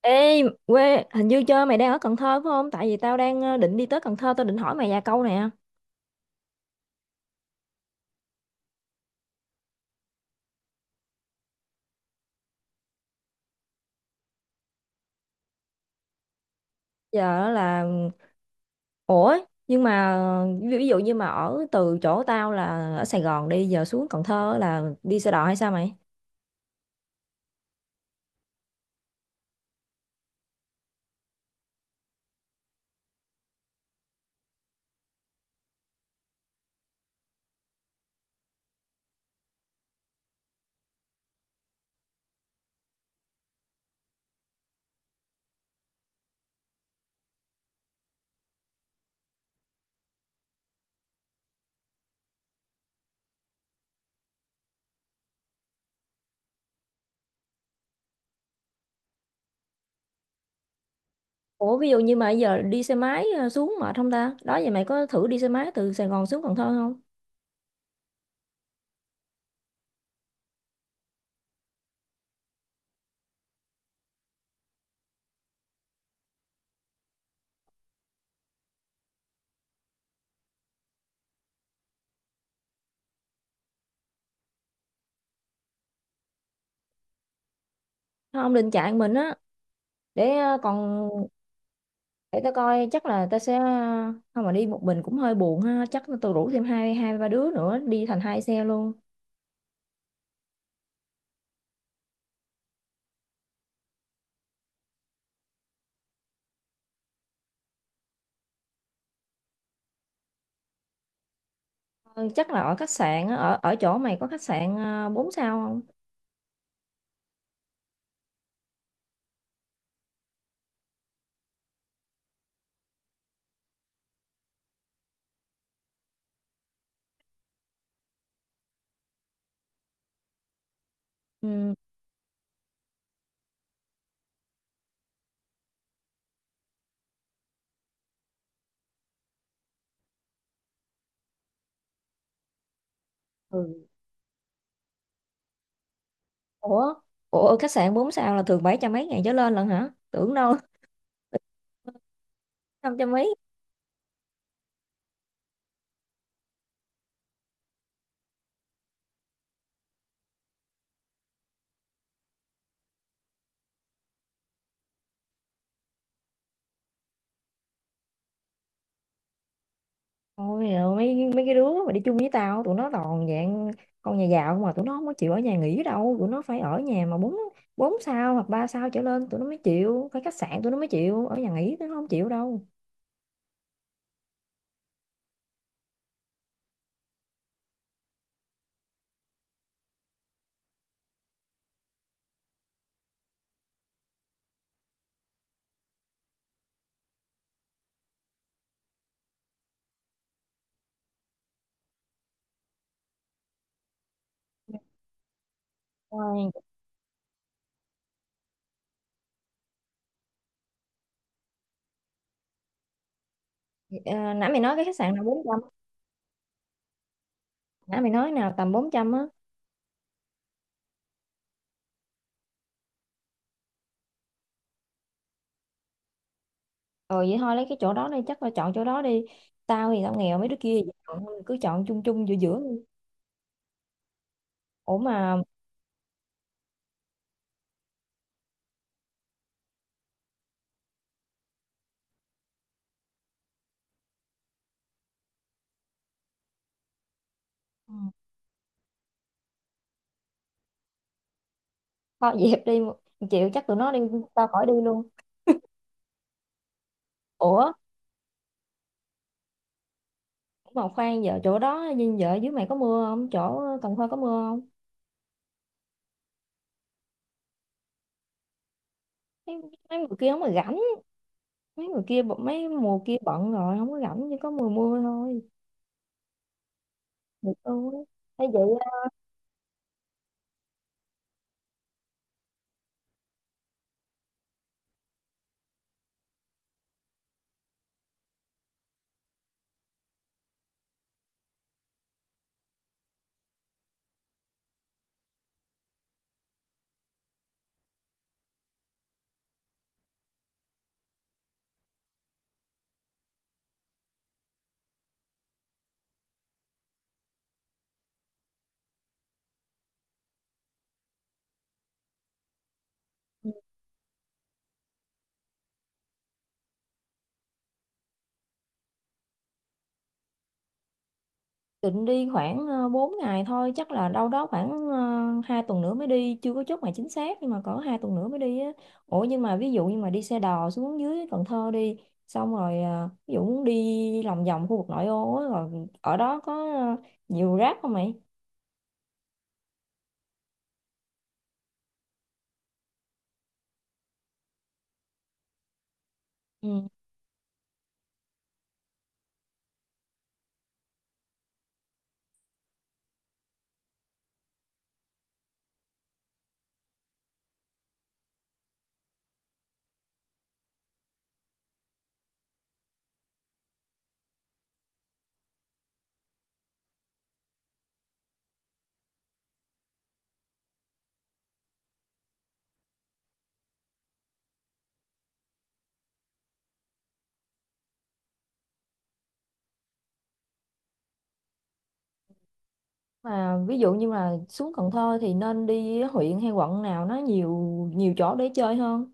Ê, quê, hình như chơi mày đang ở Cần Thơ phải không? Tại vì tao đang định đi tới Cần Thơ, tao định hỏi mày vài câu nè. Giờ là, ủa, nhưng mà ví ví dụ như mà ở từ chỗ tao là ở Sài Gòn đi, giờ xuống Cần Thơ là đi xe đò hay sao mày? Ủa, ví dụ như mà giờ đi xe máy xuống mệt không ta? Đó vậy mày có thử đi xe máy từ Sài Gòn xuống Cần Thơ không? Không, định chạy mình á, để ờ, còn, để tao coi chắc là tao sẽ, không mà đi một mình cũng hơi buồn ha, chắc tao rủ thêm hai ba đứa nữa, đi thành hai xe luôn. Ừ, chắc là ở khách sạn á, ở ở chỗ mày có khách sạn à, 4 sao không? Ừ. Ừ. Ủa, ủa khách sạn 4 sao là thường bảy trăm mấy ngàn trở lên lận hả? Tưởng đâu năm trăm mấy. Ôi giời, mấy mấy cái đứa mà đi chung với tao tụi nó toàn dạng con nhà giàu mà tụi nó không có chịu ở nhà nghỉ đâu, tụi nó phải ở nhà mà bốn bốn sao hoặc ba sao trở lên tụi nó mới chịu, phải khách sạn tụi nó mới chịu, ở nhà nghỉ tụi nó không chịu đâu. Rồi, ờ, nãy mày nói cái khách sạn nào trăm, nãy mày nói nào tầm bốn trăm á? Ờ vậy thôi lấy cái chỗ đó đi, chắc là chọn chỗ đó đi. Tao thì tao nghèo, mấy đứa kia thì chọn thôi, cứ chọn chung chung giữa giữa đi. Ủa mà. Ừ. Kho dẹp đi. Chịu chắc tụi nó đi, tao khỏi đi luôn. Ủa mà khoan, giờ chỗ đó nhìn vợ dưới mày có mưa không, chỗ Cần Thơ có mưa không? mấy, Mấy người kia không mà rảnh, mấy mùa kia bận rồi không có rảnh, chỉ có mùa mưa thôi được luôn á. Thấy vậy. Định đi khoảng 4 ngày thôi, chắc là đâu đó khoảng 2 tuần nữa mới đi, chưa có chốt ngày chính xác nhưng mà cỡ 2 tuần nữa mới đi á. Ủa nhưng mà ví dụ như mà đi xe đò xuống dưới Cần Thơ đi, xong rồi ví dụ muốn đi lòng vòng khu vực nội ô á, rồi ở đó có nhiều rác không mày? Ừ. Mà ví dụ như mà xuống Cần Thơ thì nên đi huyện hay quận nào nó nhiều nhiều chỗ để chơi hơn?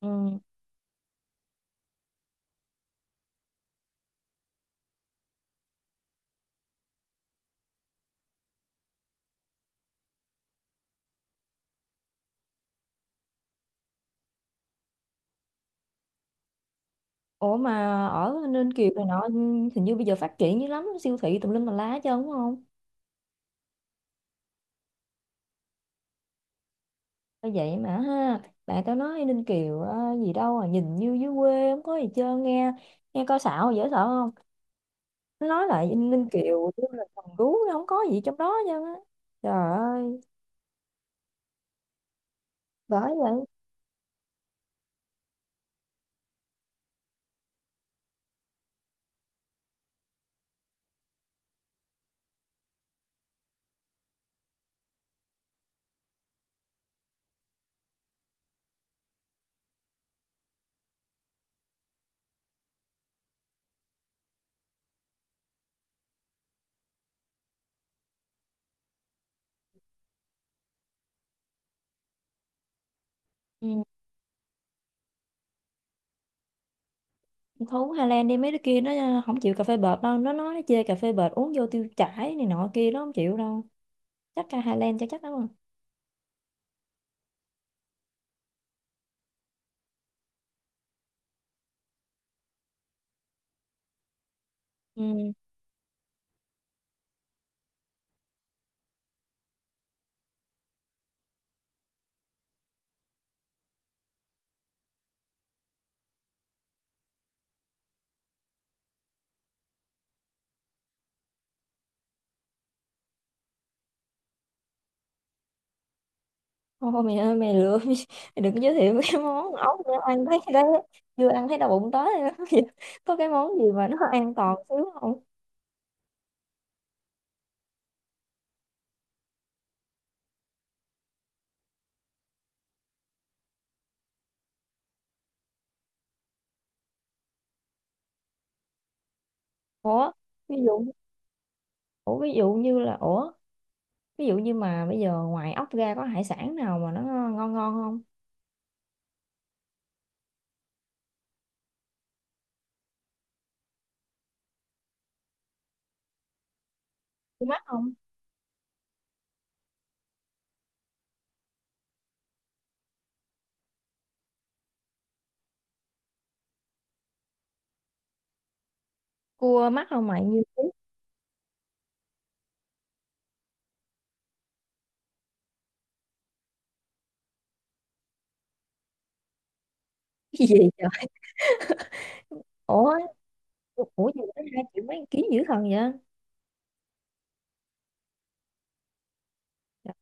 Ừ. Ủa mà ở Ninh Kiều này nọ, hình như bây giờ phát triển dữ lắm, siêu thị tùm lum tà lá hết trơn đúng không? Bởi vậy mà ha, bạn tao nói Ninh Kiều gì đâu à, nhìn như dưới quê không có gì chơi, nghe nghe coi xạo dễ sợ không, nó nói lại Ninh Ninh Kiều như là thằng gú nó không có gì trong đó chứ á, trời ơi bởi vậy. Ừ. Thu Hà Lan đi, mấy đứa kia nó không chịu cà phê bệt đâu, nó nói nó chê cà phê bệt uống vô tiêu chảy này nọ kia, nó không chịu đâu, chắc ca Hà Lan cho chắc đúng không? Ừ. Ô mày ơi, mày lừa mày đừng giới thiệu cái món ốc nữa, ăn thấy đấy, chưa ăn thấy đau bụng tới rồi đó. Có cái món gì mà nó an toàn xíu không? Ủa ví dụ ủa Ví dụ như là, ví dụ như mà bây giờ ngoài ốc ra có hải sản nào mà nó ngon ngon không? Cua mắt không? Cua mắt không mày như thế? Cái gì trời. Ủa Ủa gì tới 2 triệu mấy ký dữ thần vậy? Dạ,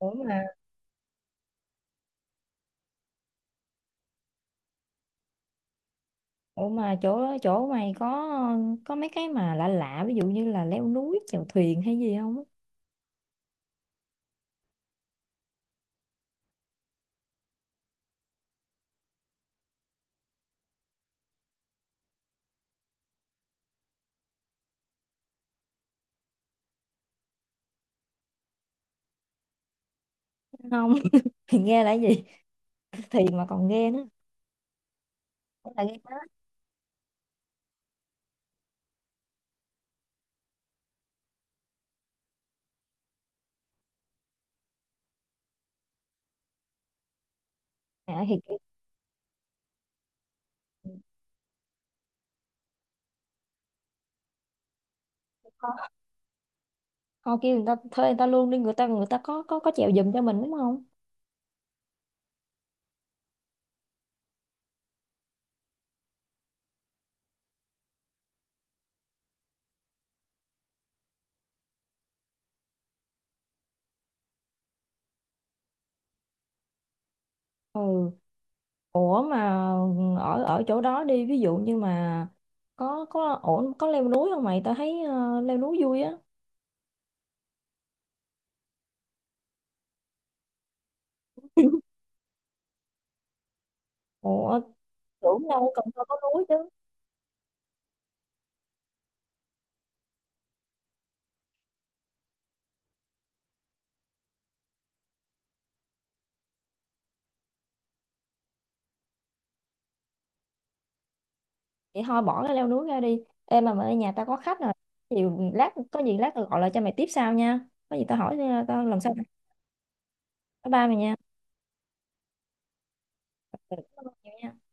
ủa mà, ủa mà chỗ chỗ mày có mấy cái mà lạ lạ ví dụ như là leo núi chèo thuyền hay gì không? Không thì nghe là cái gì, thì mà còn nghe nữa? Thế là nghe đó. À, thì kiểu. Họ kêu người ta, thuê người ta luôn đi, người ta có có chèo giùm cho mình đúng không? Ừ. Ủa mà ở ở chỗ đó đi, ví dụ như mà có ổn, có leo núi không mày? Tao thấy leo núi vui á. Ủa, tưởng đâu Cần Thơ có núi chứ. Vậy thôi bỏ cái leo núi ra đi. Ê mà ở nhà tao có khách rồi, chiều lát có gì lát tao gọi lại cho mày tiếp sau nha, có gì tao hỏi tao làm sao. Tao ba mày nha. Ừ, cảm ơn nhiều nha.